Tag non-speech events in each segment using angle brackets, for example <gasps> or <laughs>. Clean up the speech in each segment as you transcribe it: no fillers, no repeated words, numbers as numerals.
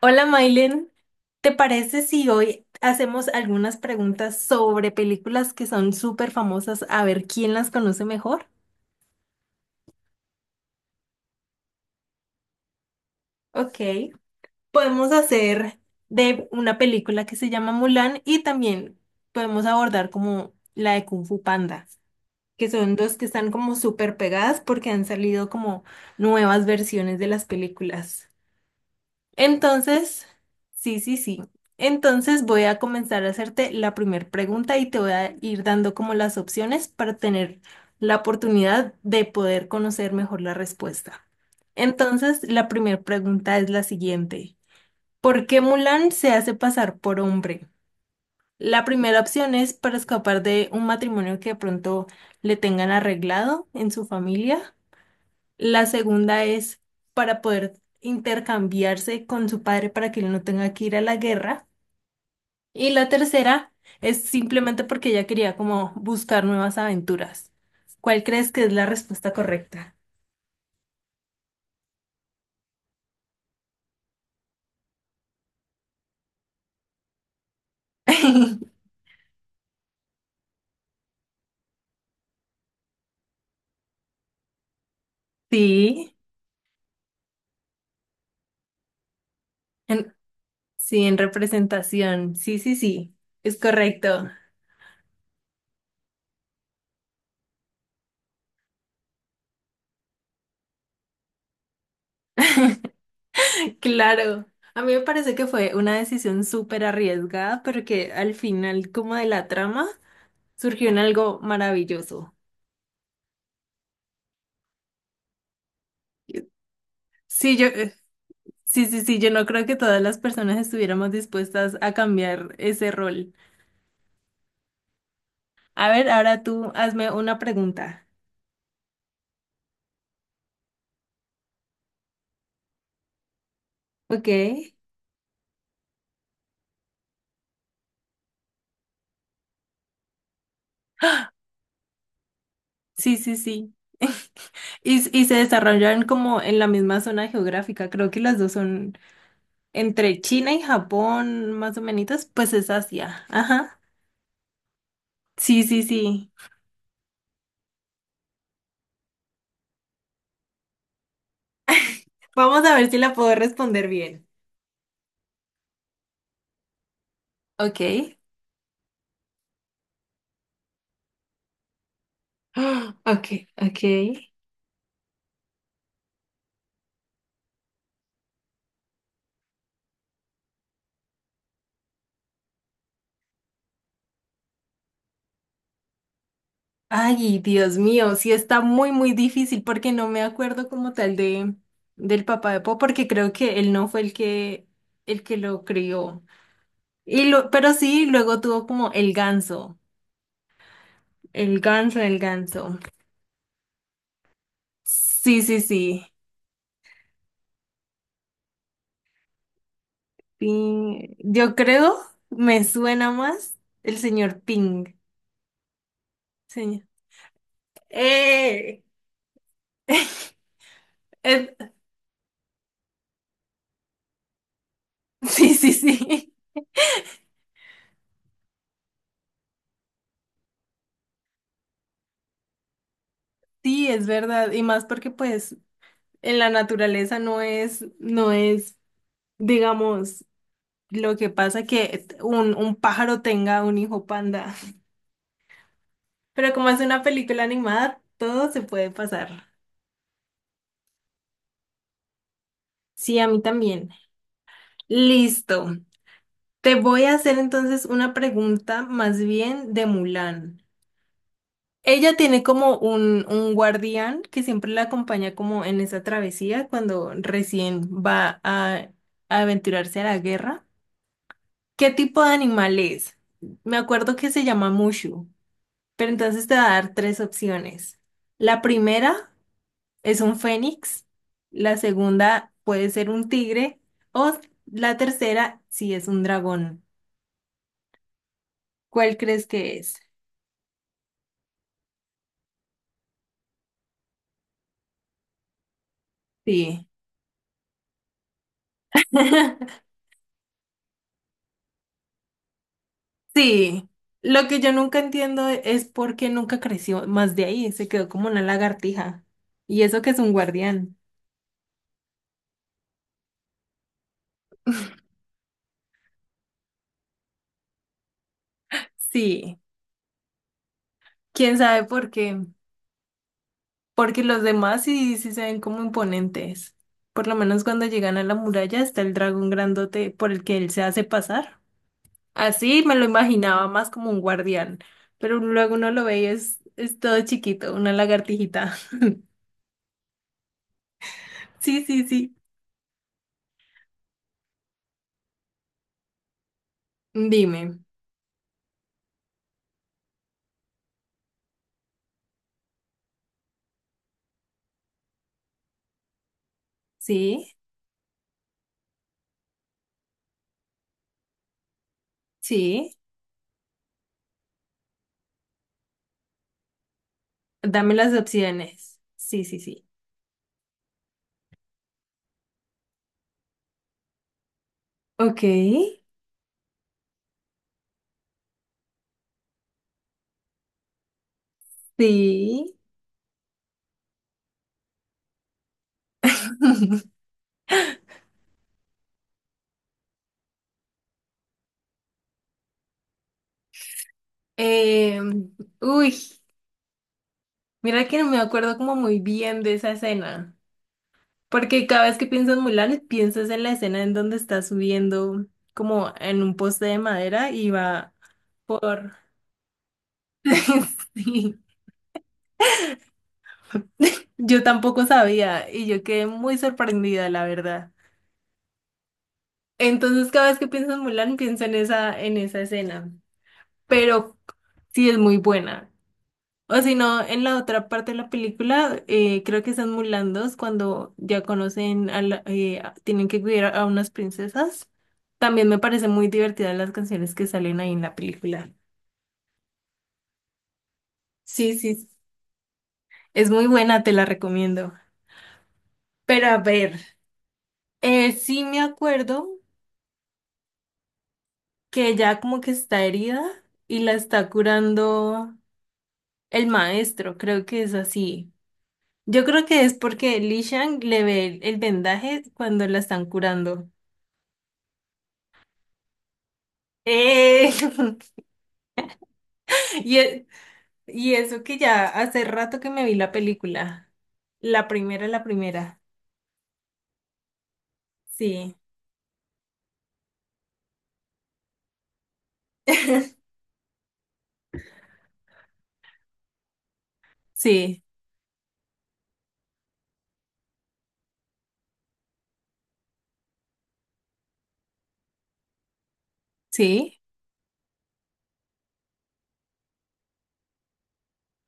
Hola, Mailen. ¿Te parece si hoy hacemos algunas preguntas sobre películas que son súper famosas, a ver quién las conoce mejor? Ok, podemos hacer de una película que se llama Mulan y también podemos abordar como la de Kung Fu Panda, que son dos que están como súper pegadas porque han salido como nuevas versiones de las películas. Entonces, sí, sí, sí. Entonces voy a comenzar a hacerte la primera pregunta y te voy a ir dando como las opciones para tener la oportunidad de poder conocer mejor la respuesta. Entonces, la primera pregunta es la siguiente. ¿Por qué Mulan se hace pasar por hombre? La primera opción es para escapar de un matrimonio que de pronto le tengan arreglado en su familia. La segunda es para poder intercambiarse con su padre para que él no tenga que ir a la guerra. Y la tercera es simplemente porque ella quería como buscar nuevas aventuras. ¿Cuál crees que es la respuesta correcta? <laughs> Sí, en- sí, en representación. Sí, sí, sí, es correcto. <laughs> Claro. A mí me parece que fue una decisión súper arriesgada, pero que al final, como de la trama, surgió en algo maravilloso. Sí, yo, sí, sí, sí, yo no creo que todas las personas estuviéramos dispuestas a cambiar ese rol. A ver, ahora tú hazme una pregunta. Ok. Sí, sí, sí. <laughs> Y se desarrollan como en la misma zona geográfica. Creo que las dos son entre China y Japón, más o menos, pues es Asia. Ajá. Sí, sí, sí. Vamos a ver si la puedo responder bien. Ok. <gasps> Ah, Ok, ok. Ay, Dios mío, sí está muy, muy difícil porque no me acuerdo como tal de del papá de Po, porque creo que él no fue el que lo crió. Y lo, pero sí, luego tuvo como el ganso, el ganso, el ganso. Sí, sí, sí. Ping. Yo creo me suena más el señor Ping. Señor. ¡Eh! <laughs> Es- sí, sí, sí. <laughs> Sí, es verdad. Y más porque pues en la naturaleza no es, no es. Digamos, lo que pasa que un pájaro tenga un hijo panda. <laughs> Pero como es una película animada, todo se puede pasar. Sí, a mí también. Listo. Te voy a hacer entonces una pregunta más bien de Mulan. Ella tiene como un guardián que siempre la acompaña como en esa travesía cuando recién va a aventurarse a la guerra. ¿Qué tipo de animal es? Me acuerdo que se llama Mushu. Pero entonces te va a dar tres opciones. La primera es un fénix, la segunda puede ser un tigre o la tercera si es un dragón. ¿Cuál crees que es? Sí. <laughs> Sí. Lo que yo nunca entiendo es por qué nunca creció más de ahí, se quedó como una lagartija. Y eso que es un guardián. Sí. ¿Quién sabe por qué? Porque los demás sí, sí se ven como imponentes. Por lo menos cuando llegan a la muralla está el dragón grandote por el que él se hace pasar. Así me lo imaginaba más como un guardián, pero luego uno lo ve y es todo chiquito, una lagartijita. <laughs> Sí, sí, sí. Dime. Sí, sí. Dame las opciones. Sí, sí, sí. Ok, sí. <laughs> Eh, uy, mira que no me acuerdo como muy bien de esa escena. Porque cada vez que piensas en Mulan, piensas en la escena en donde está subiendo como en un poste de madera y va por... <laughs> Sí, yo tampoco sabía y yo quedé muy sorprendida, la verdad. Entonces cada vez que pienso en Mulan, pienso en esa escena. Pero sí es muy buena. O si no, en la otra parte de la película, creo que están mulandos cuando ya conocen a la, tienen que cuidar a unas princesas. También me parecen muy divertidas las canciones que salen ahí en la película. Sí, sí. sí. Es muy buena, te la recomiendo. Pero a ver, sí me acuerdo que ya como que está herida y la está curando el maestro, creo que es así. Yo creo que es porque Li Shang le ve el vendaje cuando la están curando. Eh, <laughs> y, e- y eso que ya hace rato que me vi la película. La primera, la primera. Sí, <laughs> sí, sí.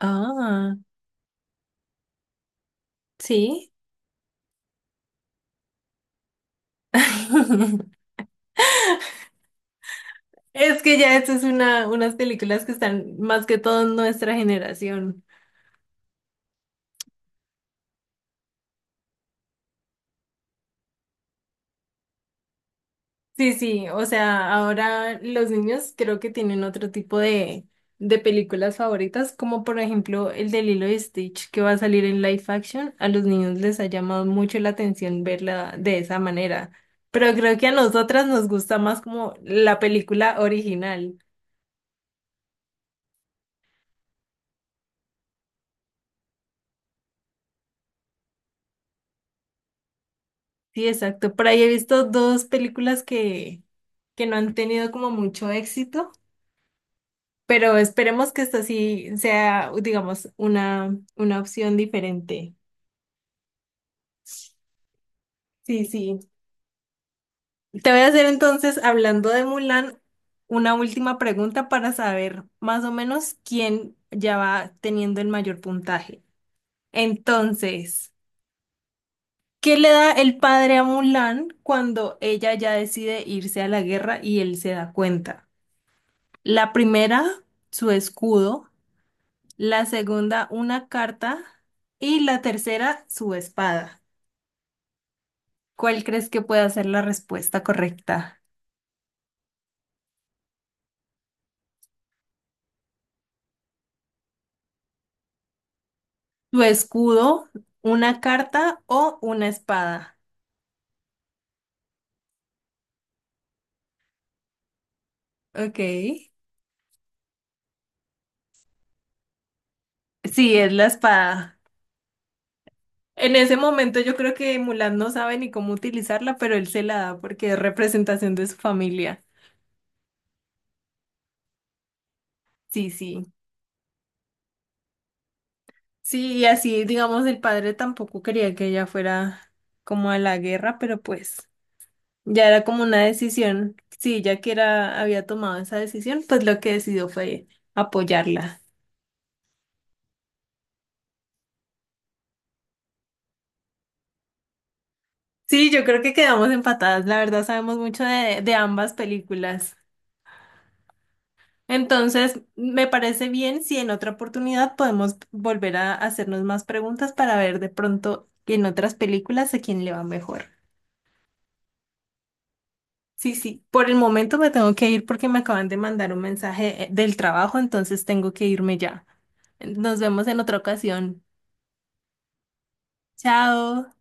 Ah, sí. <laughs> Es que ya estas es una, unas películas que están más que todo en nuestra generación. Sí, sí, o sea, ahora los niños creo que tienen otro tipo de películas favoritas, como por ejemplo el de Lilo y Stitch que va a salir en live action. A los niños les ha llamado mucho la atención verla de esa manera, pero creo que a nosotras nos gusta más como la película original. Sí, exacto. Por ahí he visto dos películas que no han tenido como mucho éxito, pero esperemos que esta sí sea, digamos, una opción diferente. Sí, sí. Te voy a hacer entonces, hablando de Mulan, una última pregunta para saber más o menos quién ya va teniendo el mayor puntaje. Entonces, ¿qué le da el padre a Mulan cuando ella ya decide irse a la guerra y él se da cuenta? La primera, su escudo, la segunda, una carta y la tercera, su espada. ¿Cuál crees que puede ser la respuesta correcta? Tu escudo, una carta o una espada. Ok. Sí, es la espada. En ese momento yo creo que Mulan no sabe ni cómo utilizarla, pero él se la da porque es representación de su familia. Sí, sí. Sí, y así, digamos, el padre tampoco quería que ella fuera como a la guerra, pero pues ya era como una decisión. Si ella que era, había tomado esa decisión, pues lo que decidió fue apoyarla. Sí, yo creo que quedamos empatadas. La verdad, sabemos mucho de ambas películas. Entonces, me parece bien si en otra oportunidad podemos volver a hacernos más preguntas para ver de pronto en otras películas a quién le va mejor. Sí, sí. Por el momento me tengo que ir porque me acaban de mandar un mensaje del trabajo, entonces tengo que irme ya. Nos vemos en otra ocasión. Chao.